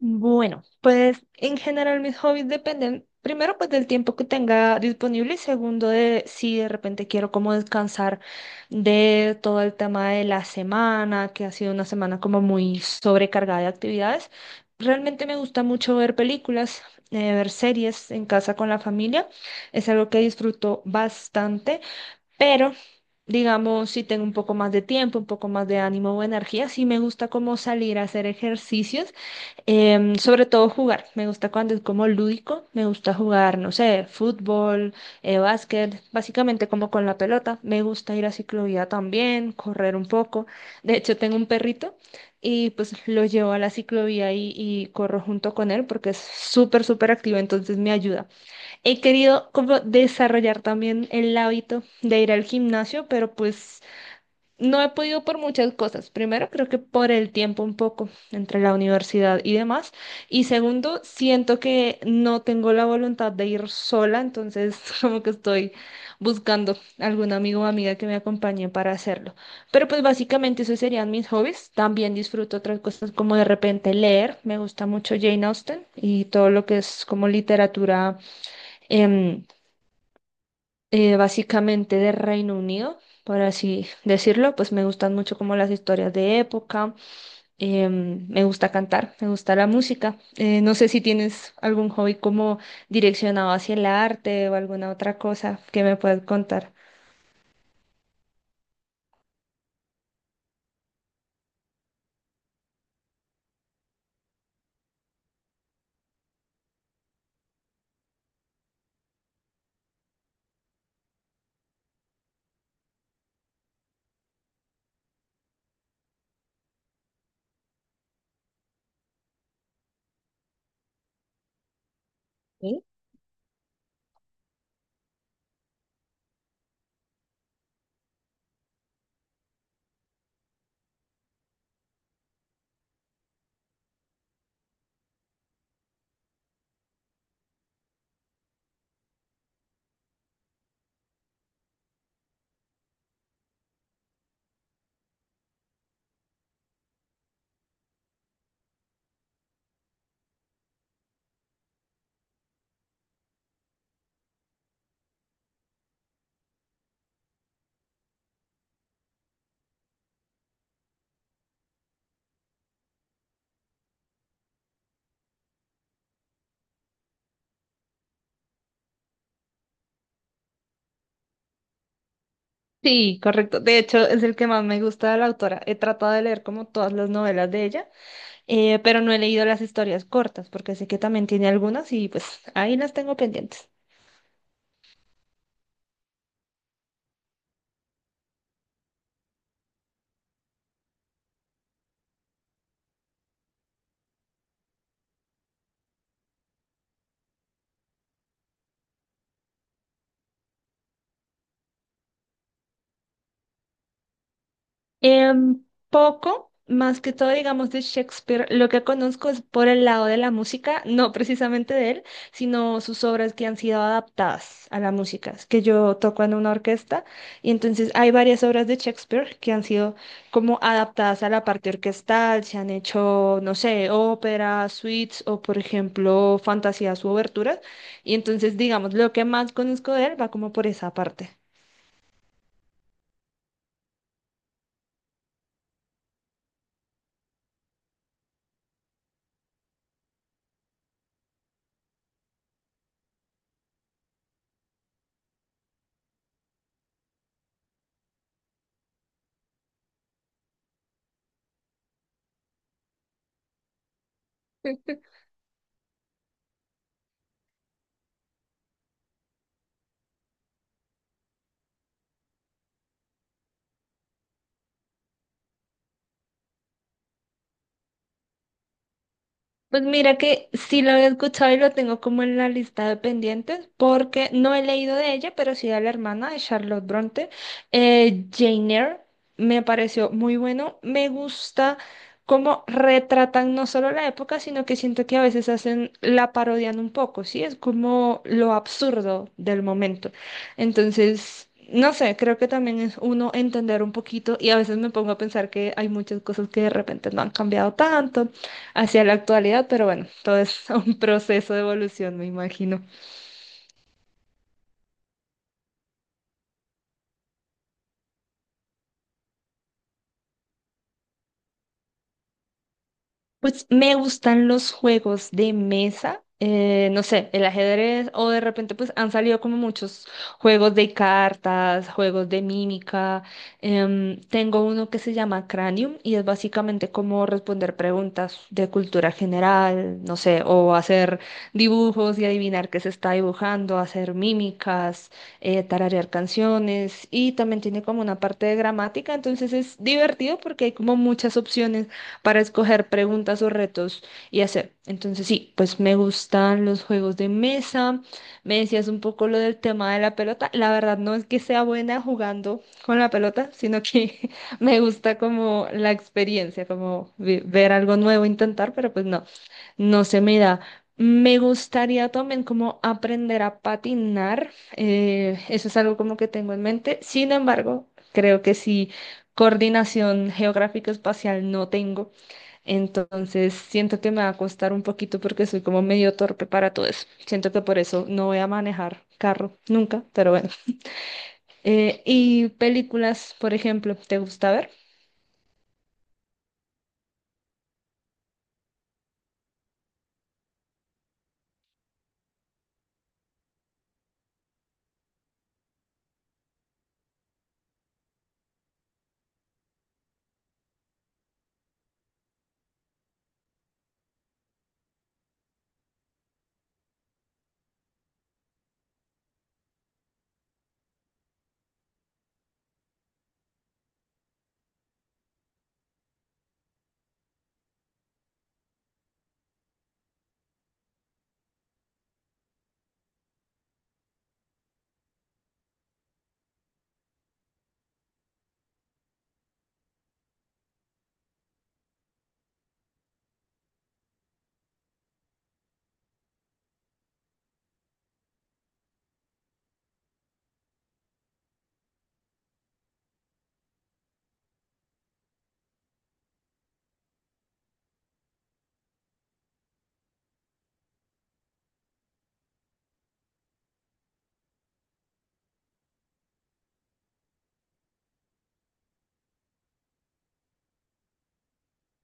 Bueno, pues en general mis hobbies dependen primero pues del tiempo que tenga disponible y segundo de si de repente quiero como descansar de todo el tema de la semana, que ha sido una semana como muy sobrecargada de actividades. Realmente me gusta mucho ver películas, ver series en casa con la familia. Es algo que disfruto bastante, pero digamos si tengo un poco más de tiempo, un poco más de ánimo o energía, sí me gusta como salir a hacer ejercicios. Sobre todo jugar, me gusta cuando es como lúdico, me gusta jugar, no sé, fútbol, básquet, básicamente como con la pelota, me gusta ir a ciclovía también, correr un poco, de hecho tengo un perrito y pues lo llevo a la ciclovía y corro junto con él porque es súper, súper activo, entonces me ayuda. He querido como desarrollar también el hábito de ir al gimnasio, pero pues no he podido por muchas cosas. Primero, creo que por el tiempo un poco entre la universidad y demás. Y segundo, siento que no tengo la voluntad de ir sola, entonces como que estoy buscando algún amigo o amiga que me acompañe para hacerlo. Pero pues básicamente esos serían mis hobbies. También disfruto otras cosas como de repente leer. Me gusta mucho Jane Austen y todo lo que es como literatura. em, Básicamente de Reino Unido, por así decirlo, pues me gustan mucho como las historias de época, me gusta cantar, me gusta la música. No sé si tienes algún hobby como direccionado hacia el arte o alguna otra cosa que me puedas contar. ¿Sí? Sí, correcto. De hecho, es el que más me gusta de la autora. He tratado de leer como todas las novelas de ella, pero no he leído las historias cortas porque sé que también tiene algunas y pues ahí las tengo pendientes. Em, Poco, más que todo, digamos, de Shakespeare, lo que conozco es por el lado de la música, no precisamente de él, sino sus obras que han sido adaptadas a la música, es que yo toco en una orquesta y entonces hay varias obras de Shakespeare que han sido como adaptadas a la parte orquestal, se han hecho, no sé, óperas, suites o, por ejemplo, fantasías u oberturas, y entonces, digamos, lo que más conozco de él va como por esa parte. Pues mira que sí lo he escuchado y lo tengo como en la lista de pendientes, porque no he leído de ella, pero sí de la hermana de Charlotte Bronte, Jane Eyre, me pareció muy bueno. Me gusta cómo retratan no solo la época, sino que siento que a veces hacen, la parodian un poco, ¿sí? Es como lo absurdo del momento. Entonces... No sé, creo que también es uno entender un poquito y a veces me pongo a pensar que hay muchas cosas que de repente no han cambiado tanto hacia la actualidad, pero bueno, todo es un proceso de evolución, me imagino. Pues me gustan los juegos de mesa, no sé, el ajedrez o de repente pues han salido como muchos juegos de cartas, juegos de mímica. Tengo uno que se llama Cranium y es básicamente como responder preguntas de cultura general, no sé, o hacer dibujos y adivinar qué se está dibujando, hacer mímicas, tararear canciones y también tiene como una parte de gramática, entonces es divertido porque hay como muchas opciones para escoger preguntas o retos y hacer. Entonces sí, pues me gustan los juegos de mesa. Me decías un poco lo del tema de la pelota. La verdad no es que sea buena jugando con la pelota, sino que me gusta como la experiencia, como ver algo nuevo, intentar, pero pues no, no se me da. Me gustaría también como aprender a patinar. Eso es algo como que tengo en mente. Sin embargo, creo que sí, coordinación geográfico-espacial no tengo. Entonces, siento que me va a costar un poquito porque soy como medio torpe para todo eso. Siento que por eso no voy a manejar carro nunca, pero bueno. Y películas, por ejemplo, ¿te gusta ver?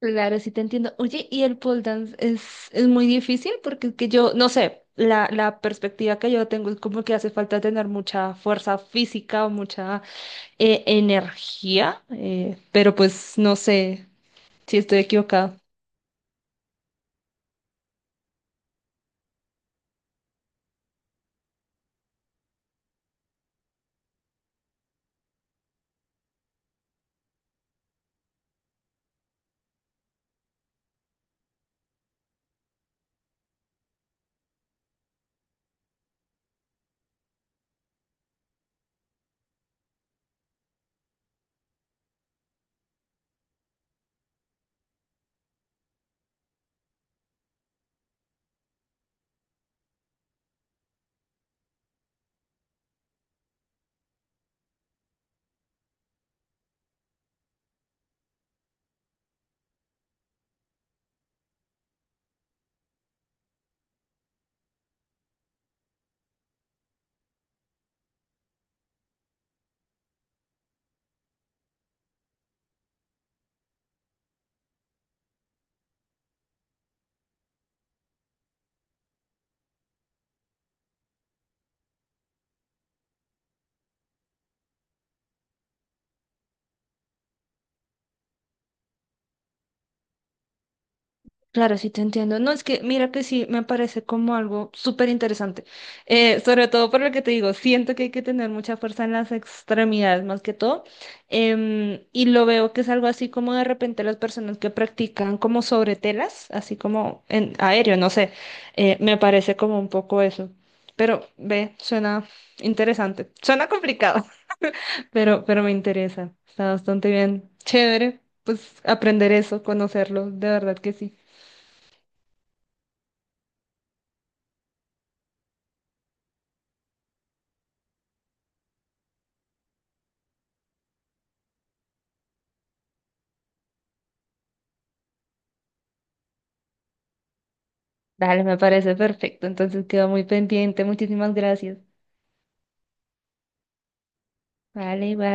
Claro, sí te entiendo. Oye, ¿y el pole dance es muy difícil? Porque es que yo, no sé, la perspectiva que yo tengo es como que hace falta tener mucha fuerza física o mucha energía, pero pues no sé si estoy equivocada. Claro, sí te entiendo. No, es que mira que sí, me parece como algo súper interesante. Sobre todo por lo que te digo, siento que hay que tener mucha fuerza en las extremidades más que todo. Y lo veo que es algo así como de repente las personas que practican como sobre telas, así como en aéreo, no sé. Me parece como un poco eso. Pero ve, suena interesante. Suena complicado, pero me interesa. Está bastante bien. Chévere, pues aprender eso, conocerlo, de verdad que sí. Dale, me parece perfecto. Entonces quedo muy pendiente. Muchísimas gracias. Vale, bye.